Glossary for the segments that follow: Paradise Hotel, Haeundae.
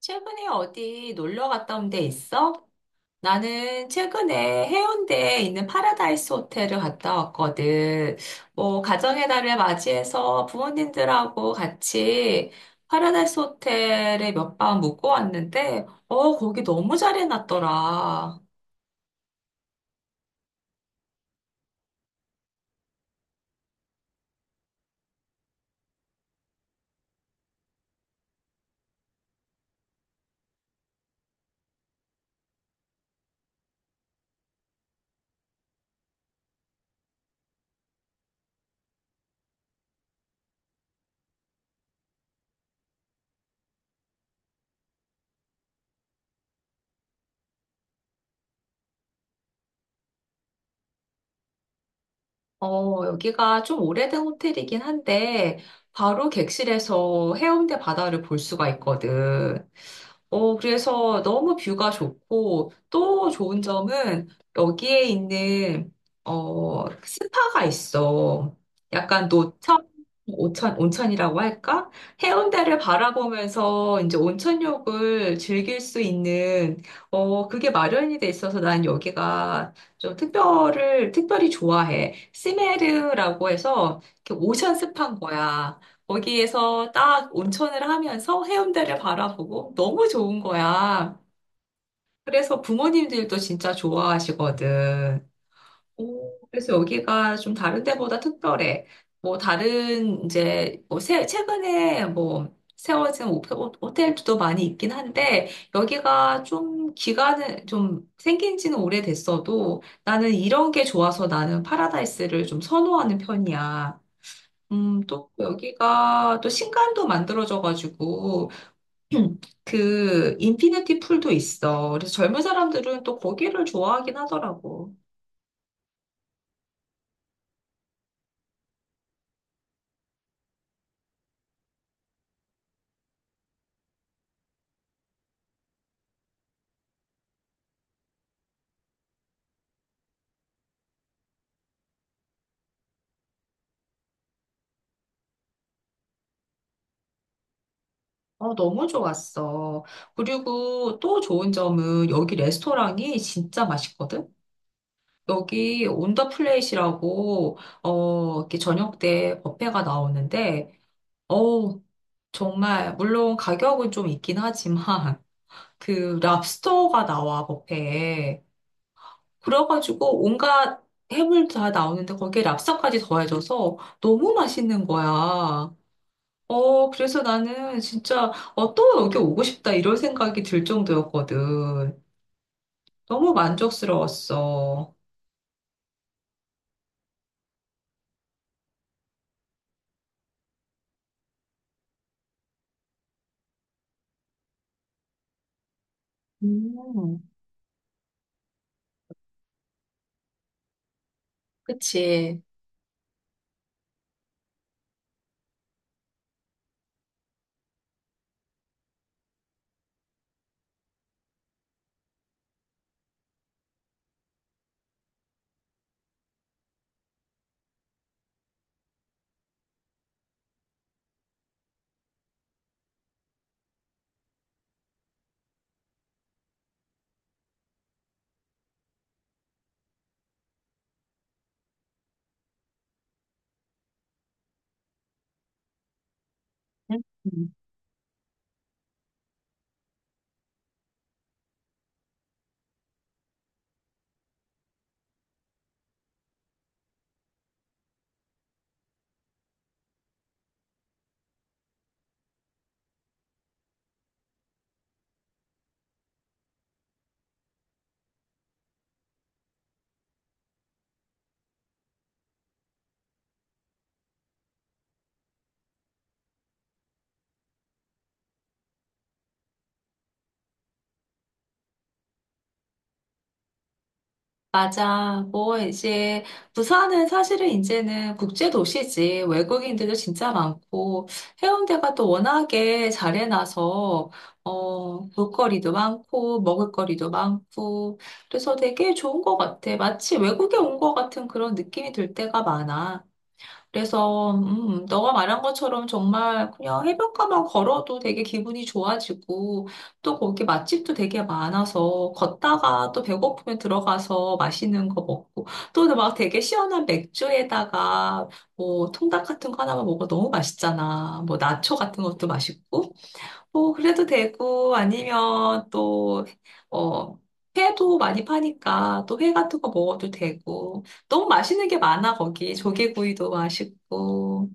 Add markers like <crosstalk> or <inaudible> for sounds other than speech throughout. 최근에 어디 놀러 갔다 온 데 있어? 나는 최근에 해운대에 있는 파라다이스 호텔을 갔다 왔거든. 뭐, 가정의 달을 맞이해서 부모님들하고 같이 파라다이스 호텔에 몇 밤 묵고 왔는데, 거기 너무 잘 해놨더라. 여기가 좀 오래된 호텔이긴 한데, 바로 객실에서 해운대 바다를 볼 수가 있거든. 그래서 너무 뷰가 좋고, 또 좋은 점은 여기에 있는, 스파가 있어. 약간 노천, 온천, 온천이라고 할까? 해운대를 바라보면서 이제 온천욕을 즐길 수 있는, 그게 마련이 돼 있어서 난 여기가 좀 특별히 좋아해. 시메르라고 해서 이렇게 오션 스파인 거야. 거기에서 딱 온천을 하면서 해운대를 바라보고 너무 좋은 거야. 그래서 부모님들도 진짜 좋아하시거든. 오, 그래서 여기가 좀 다른 데보다 특별해. 뭐 다른 이제 뭐 최근에 뭐 세워진 호텔들도 많이 있긴 한데 여기가 좀 기간은 좀 생긴 지는 오래됐어도 나는 이런 게 좋아서 나는 파라다이스를 좀 선호하는 편이야. 또 여기가 또 신관도 만들어져가지고 <clears throat> 그 인피니티 풀도 있어. 그래서 젊은 사람들은 또 거기를 좋아하긴 하더라고. 너무 좋았어. 그리고 또 좋은 점은 여기 레스토랑이 진짜 맛있거든? 여기 온더 플레이시라고, 이렇게 저녁 때 뷔페가 나오는데, 어우, 정말, 물론 가격은 좀 있긴 하지만, <laughs> 그 랍스터가 나와, 뷔페에. 그래가지고 온갖 해물 다 나오는데 거기에 랍스터까지 더해져서 너무 맛있는 거야. 그래서 나는 진짜, 또 여기 오고 싶다, 이런 생각이 들 정도였거든. 너무 만족스러웠어. 음, 그치. 음, 맞아. 뭐, 이제, 부산은 사실은 이제는 국제도시지. 외국인들도 진짜 많고, 해운대가 또 워낙에 잘 해놔서, 볼거리도 많고, 먹을거리도 많고, 그래서 되게 좋은 것 같아. 마치 외국에 온 것 같은 그런 느낌이 들 때가 많아. 그래서 너가 말한 것처럼 정말 그냥 해변가만 걸어도 되게 기분이 좋아지고 또 거기 맛집도 되게 많아서 걷다가 또 배고프면 들어가서 맛있는 거 먹고 또 막 되게 시원한 맥주에다가 뭐 통닭 같은 거 하나만 먹어 너무 맛있잖아. 뭐 나초 같은 것도 맛있고. 뭐 그래도 되고 아니면 또 어, 회도 많이 파니까 또 회 같은 거 먹어도 되고 너무 맛있는 게 많아. 거기 조개구이도 맛있고.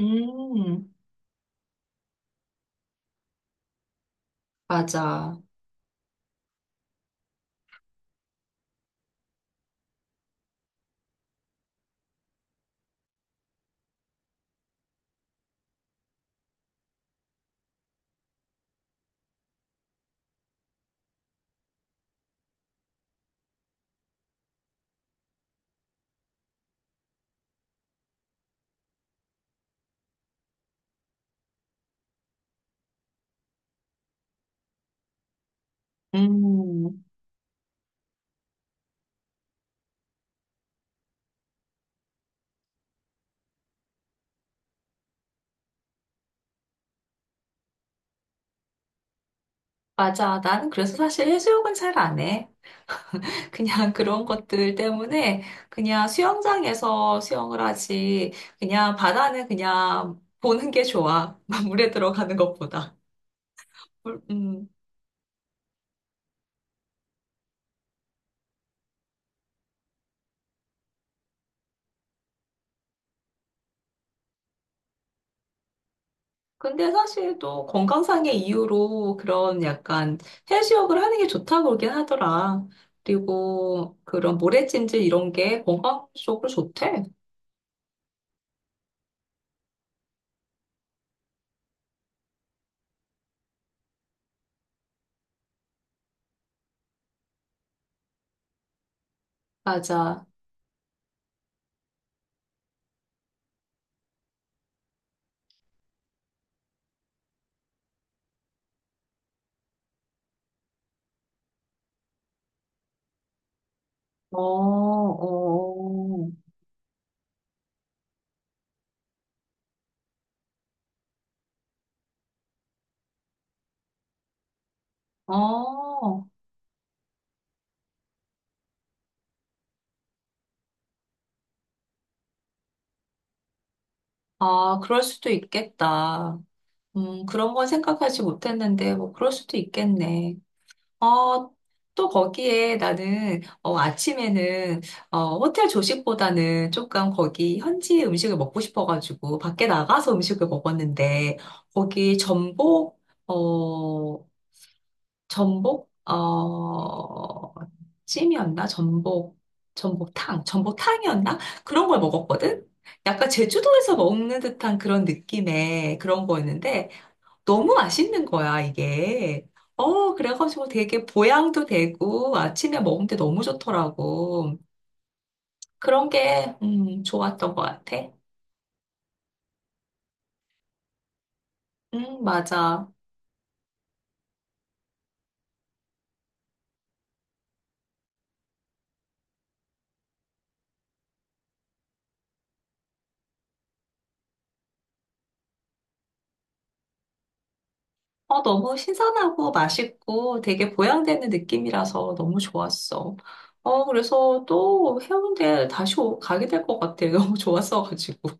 음, 맞아. 음, 맞아. 나는 그래서 사실 해수욕은 잘 안 해. <laughs> 그냥 그런 것들 때문에 그냥 수영장에서 수영을 하지. 그냥 바다는 그냥 보는 게 좋아, <laughs> 물에 들어가는 것보다. 물- 음. 근데 사실 또 건강상의 이유로 그런 약간 해수욕을 하는 게 좋다고 그러긴 하더라. 그리고 그런 모래찜질 이런 게 건강적으로 좋대. 맞아. 어, 어, 어. 아, 그럴 수도 있겠다. 그런 건 생각하지 못했는데, 뭐, 그럴 수도 있겠네. 어, 또 거기에 나는 아침에는 호텔 조식보다는 조금 거기 현지 음식을 먹고 싶어가지고 밖에 나가서 음식을 먹었는데 거기 전복 어 전복 찜이었나, 전복, 전복탕, 전복탕이었나, 그런 걸 먹었거든. 약간 제주도에서 먹는 듯한 그런 느낌의 그런 거였는데 너무 맛있는 거야, 이게. 그래가지고 되게 보양도 되고 아침에 먹는데 너무 좋더라고. 그런 게, 좋았던 것 같아. 맞아. 너무 신선하고 맛있고 되게 보양되는 느낌이라서 너무 좋았어. 그래서 또 해운대 다시 가게 될 것 같아. <laughs> 너무 좋았어가지고.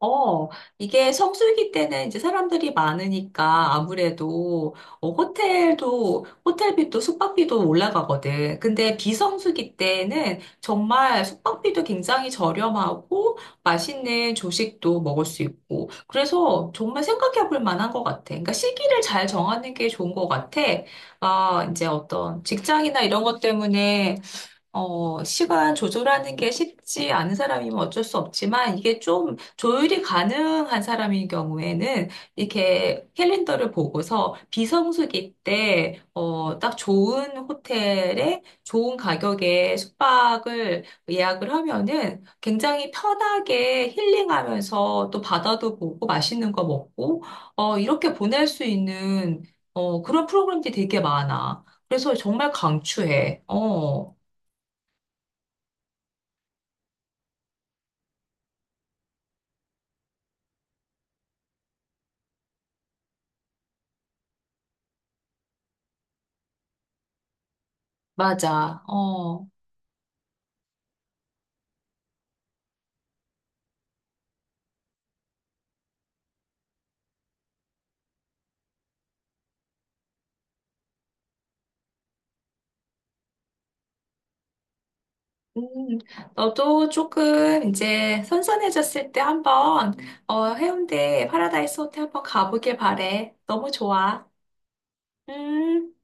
어, 이게 성수기 때는 이제 사람들이 많으니까 아무래도 호텔비도 숙박비도 올라가거든. 근데 비성수기 때는 정말 숙박비도 굉장히 저렴하고 맛있는 조식도 먹을 수 있고. 그래서 정말 생각해 볼 만한 것 같아. 그러니까 시기를 잘 정하는 게 좋은 것 같아. 아, 이제 어떤 직장이나 이런 것 때문에 시간 조절하는 게 쉽지 않은 사람이면 어쩔 수 없지만 이게 좀 조율이 가능한 사람인 경우에는 이렇게 캘린더를 보고서 비성수기 때, 딱 좋은 호텔에 좋은 가격에 숙박을 예약을 하면은 굉장히 편하게 힐링하면서 또 바다도 보고 맛있는 거 먹고, 이렇게 보낼 수 있는, 그런 프로그램들이 되게 많아. 그래서 정말 강추해. 어. 맞아. 어. 음, 너도 조금 이제 선선해졌을 때 한번, 해운대 파라다이스 호텔 한번 가보길 바래. 너무 좋아. 음.